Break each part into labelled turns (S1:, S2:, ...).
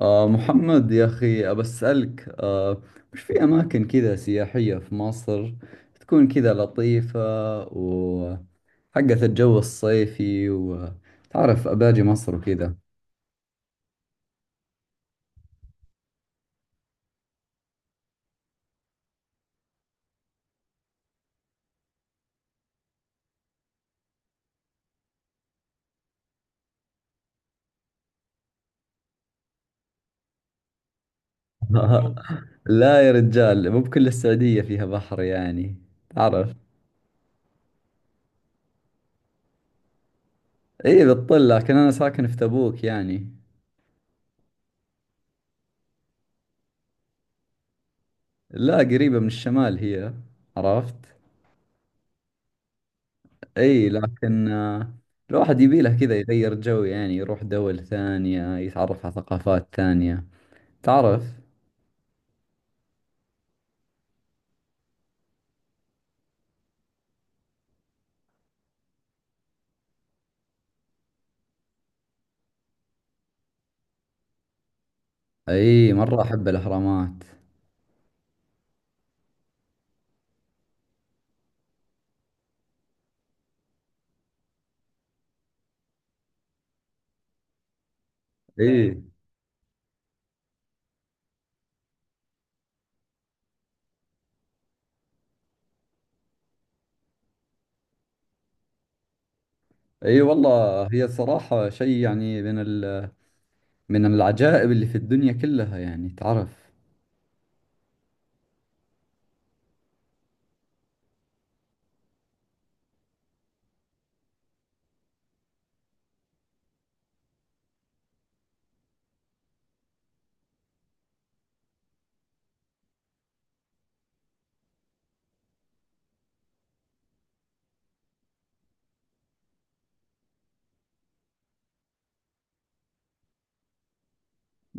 S1: محمد يا أخي أبسألك وش في أماكن كذا سياحية في مصر تكون كذا لطيفة، وحقت الجو الصيفي، وتعرف أباجي مصر وكذا. لا يا رجال، مو بكل السعودية فيها بحر يعني، تعرف. إيه بتطل، لكن أنا ساكن في تبوك يعني. لا، قريبة من الشمال هي، عرفت. اي، لكن الواحد يبي له كذا يغير جو، يعني يروح دول ثانية يتعرف على ثقافات ثانية، تعرف. اي، مرة احب الاهرامات. اي، اي، والله هي الصراحة شيء يعني من العجائب اللي في الدنيا كلها يعني، تعرف.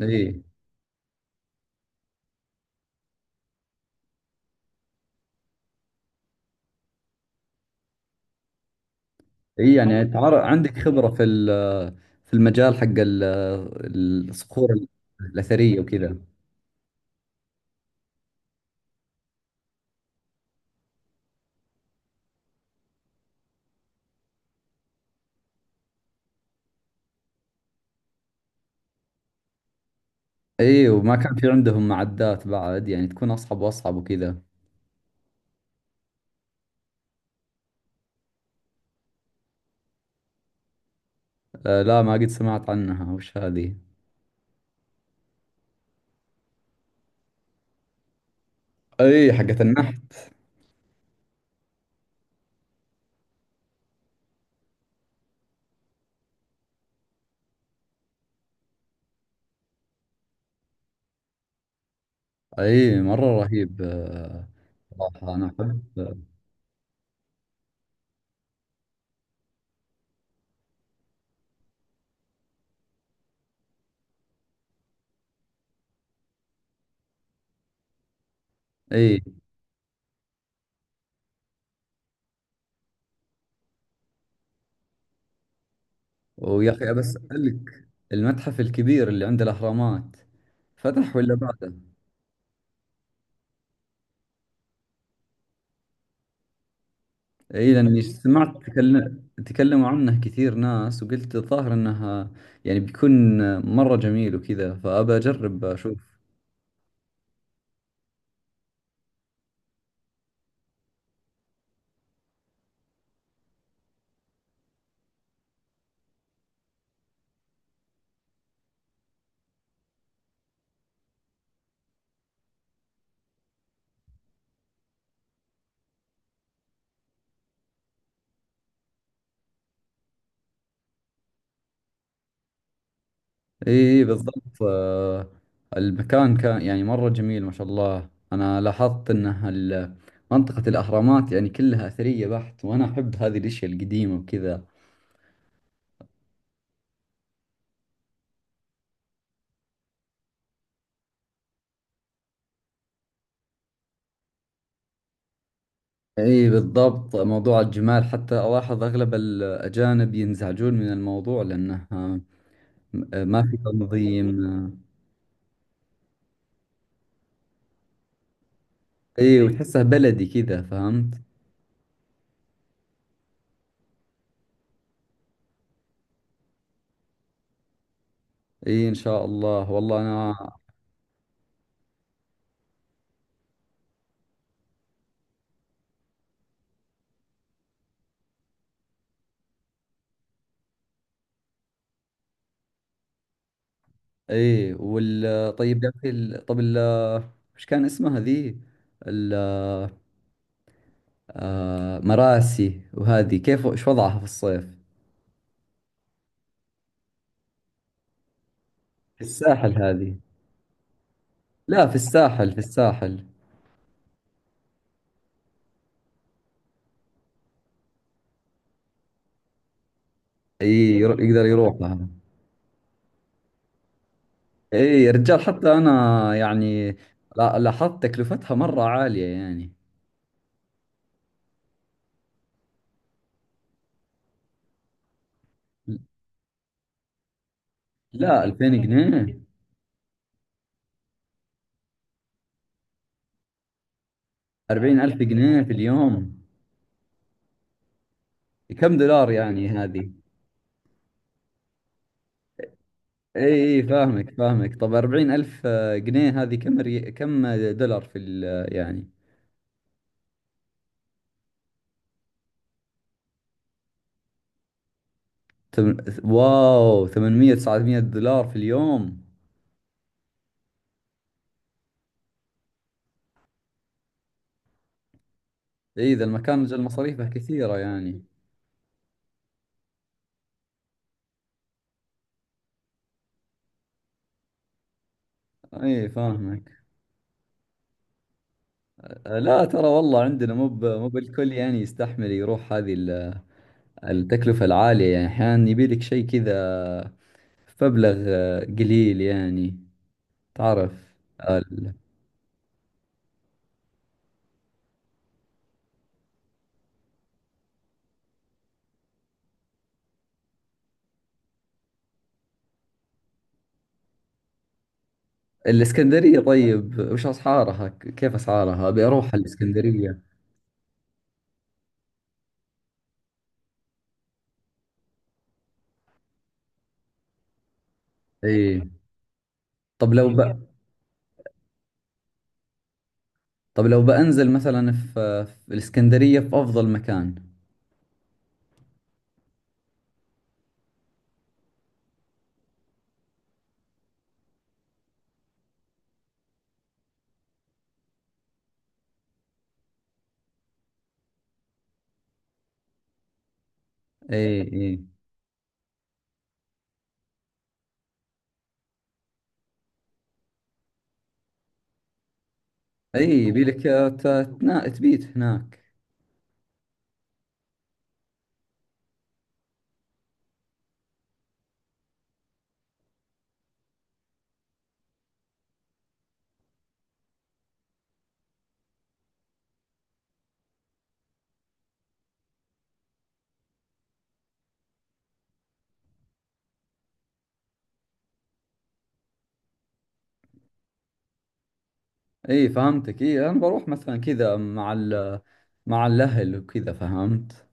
S1: اي، اي يعني، تعرف عندك خبرة في المجال حق الصخور الأثرية وكذا. اي، وما كان في عندهم معدات بعد يعني، تكون اصعب واصعب وكذا. آه، لا، ما قد سمعت عنها، وش هذه؟ اي، حقت النحت. اي، مرة رهيب. صراحة انا احب. اي، ويا اخي ابى اسالك، المتحف الكبير اللي عند الاهرامات فتح ولا بعده؟ اي، لاني سمعت تكلموا عنه كثير ناس، وقلت الظاهر انها يعني بيكون مرة جميل وكذا، فابى اجرب اشوف. اي بالضبط. المكان كان يعني مرة جميل ما شاء الله. انا لاحظت انه منطقة الاهرامات يعني كلها اثرية بحت، وانا احب هذه الاشياء القديمة وكذا. اي بالضبط، موضوع الجمال حتى الاحظ اغلب الاجانب ينزعجون من الموضوع لانه، ما في تنظيم. اي، وتحسه بلدي كذا، فهمت. اي، ان شاء الله، والله انا. اي، طيب يا اخي، طب وش كان اسمها ذي، ال- مراسي، وهذه كيف ايش وضعها في الصيف؟ في الساحل هذه. لا، في الساحل. اي، يقدر يروح لها. اي، يا رجال، حتى انا يعني لاحظت تكلفتها مرة عالية يعني. لا، 2000 جنيه؟ 40 ألف جنيه في اليوم؟ كم دولار يعني هذه؟ اي، اي، فاهمك فاهمك. طب 40 ألف جنيه هذه كم دولار يعني تم... واو، 800 900 دولار في اليوم! اي، ذا المكان اجل مصاريفه كثيرة يعني. اي، فاهمك. لا، ترى والله عندنا مو بالكل يعني يستحمل يروح هذه التكلفة العالية، يعني احيانا يبي لك شيء كذا مبلغ قليل يعني، تعرف آه، ال- الاسكندرية، طيب وش اسعارها، كيف اسعارها؟ ابي اروح الاسكندرية. اي، طب لو طب لو بنزل مثلا في الاسكندرية في افضل مكان. اي، اي، اي، يبي لك تبيت هناك. اي، فهمتك. اي، انا بروح مثلا كذا مع الاهل وكذا، فهمت.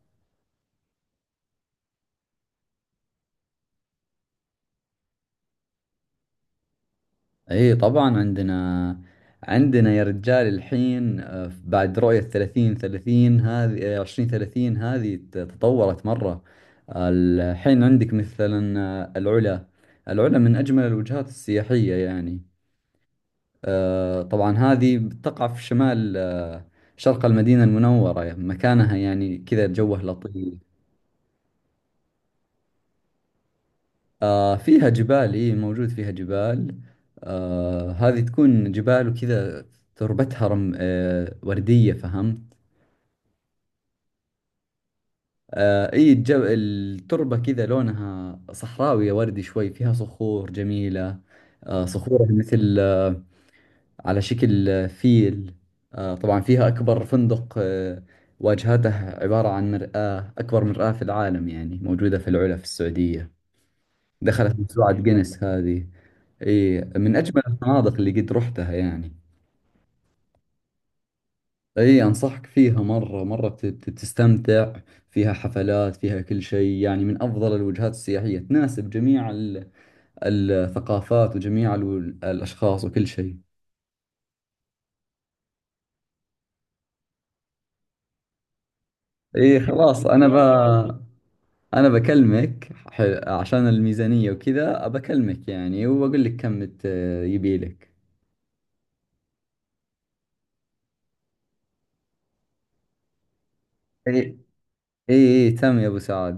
S1: اي، طبعا عندنا يا رجال، الحين، بعد رؤية ثلاثين ثلاثين هذه، عشرين ثلاثين هذه تطورت مرة. الحين عندك مثلا، العلا، العلا من أجمل الوجهات السياحية يعني. طبعا هذه تقع في شمال شرق المدينة المنورة، مكانها يعني كذا جوه لطيف. آه، فيها جبال، إيه، موجود فيها جبال. آه، هذه تكون جبال وكذا. تربتها رم آه وردية، فهمت. آه، إيه، التربة كذا لونها صحراوية، وردي شوي، فيها صخور جميلة. صخورها مثل على شكل فيل. طبعا فيها أكبر فندق واجهته عبارة عن مرآة، أكبر مرآة في العالم يعني، موجودة في العلا في السعودية، دخلت موسوعة جينيس هذه. اي، من اجمل الفنادق اللي قد رحتها يعني. اي، انصحك فيها، مرة مرة بتستمتع. فيها حفلات، فيها كل شيء يعني، من افضل الوجهات السياحية، تناسب جميع الثقافات وجميع الاشخاص وكل شيء. اي، خلاص، انا بكلمك، عشان الميزانية وكذا بكلمك يعني، واقول لك كم يبي لك. اي، اي، إي، تم يا ابو سعد.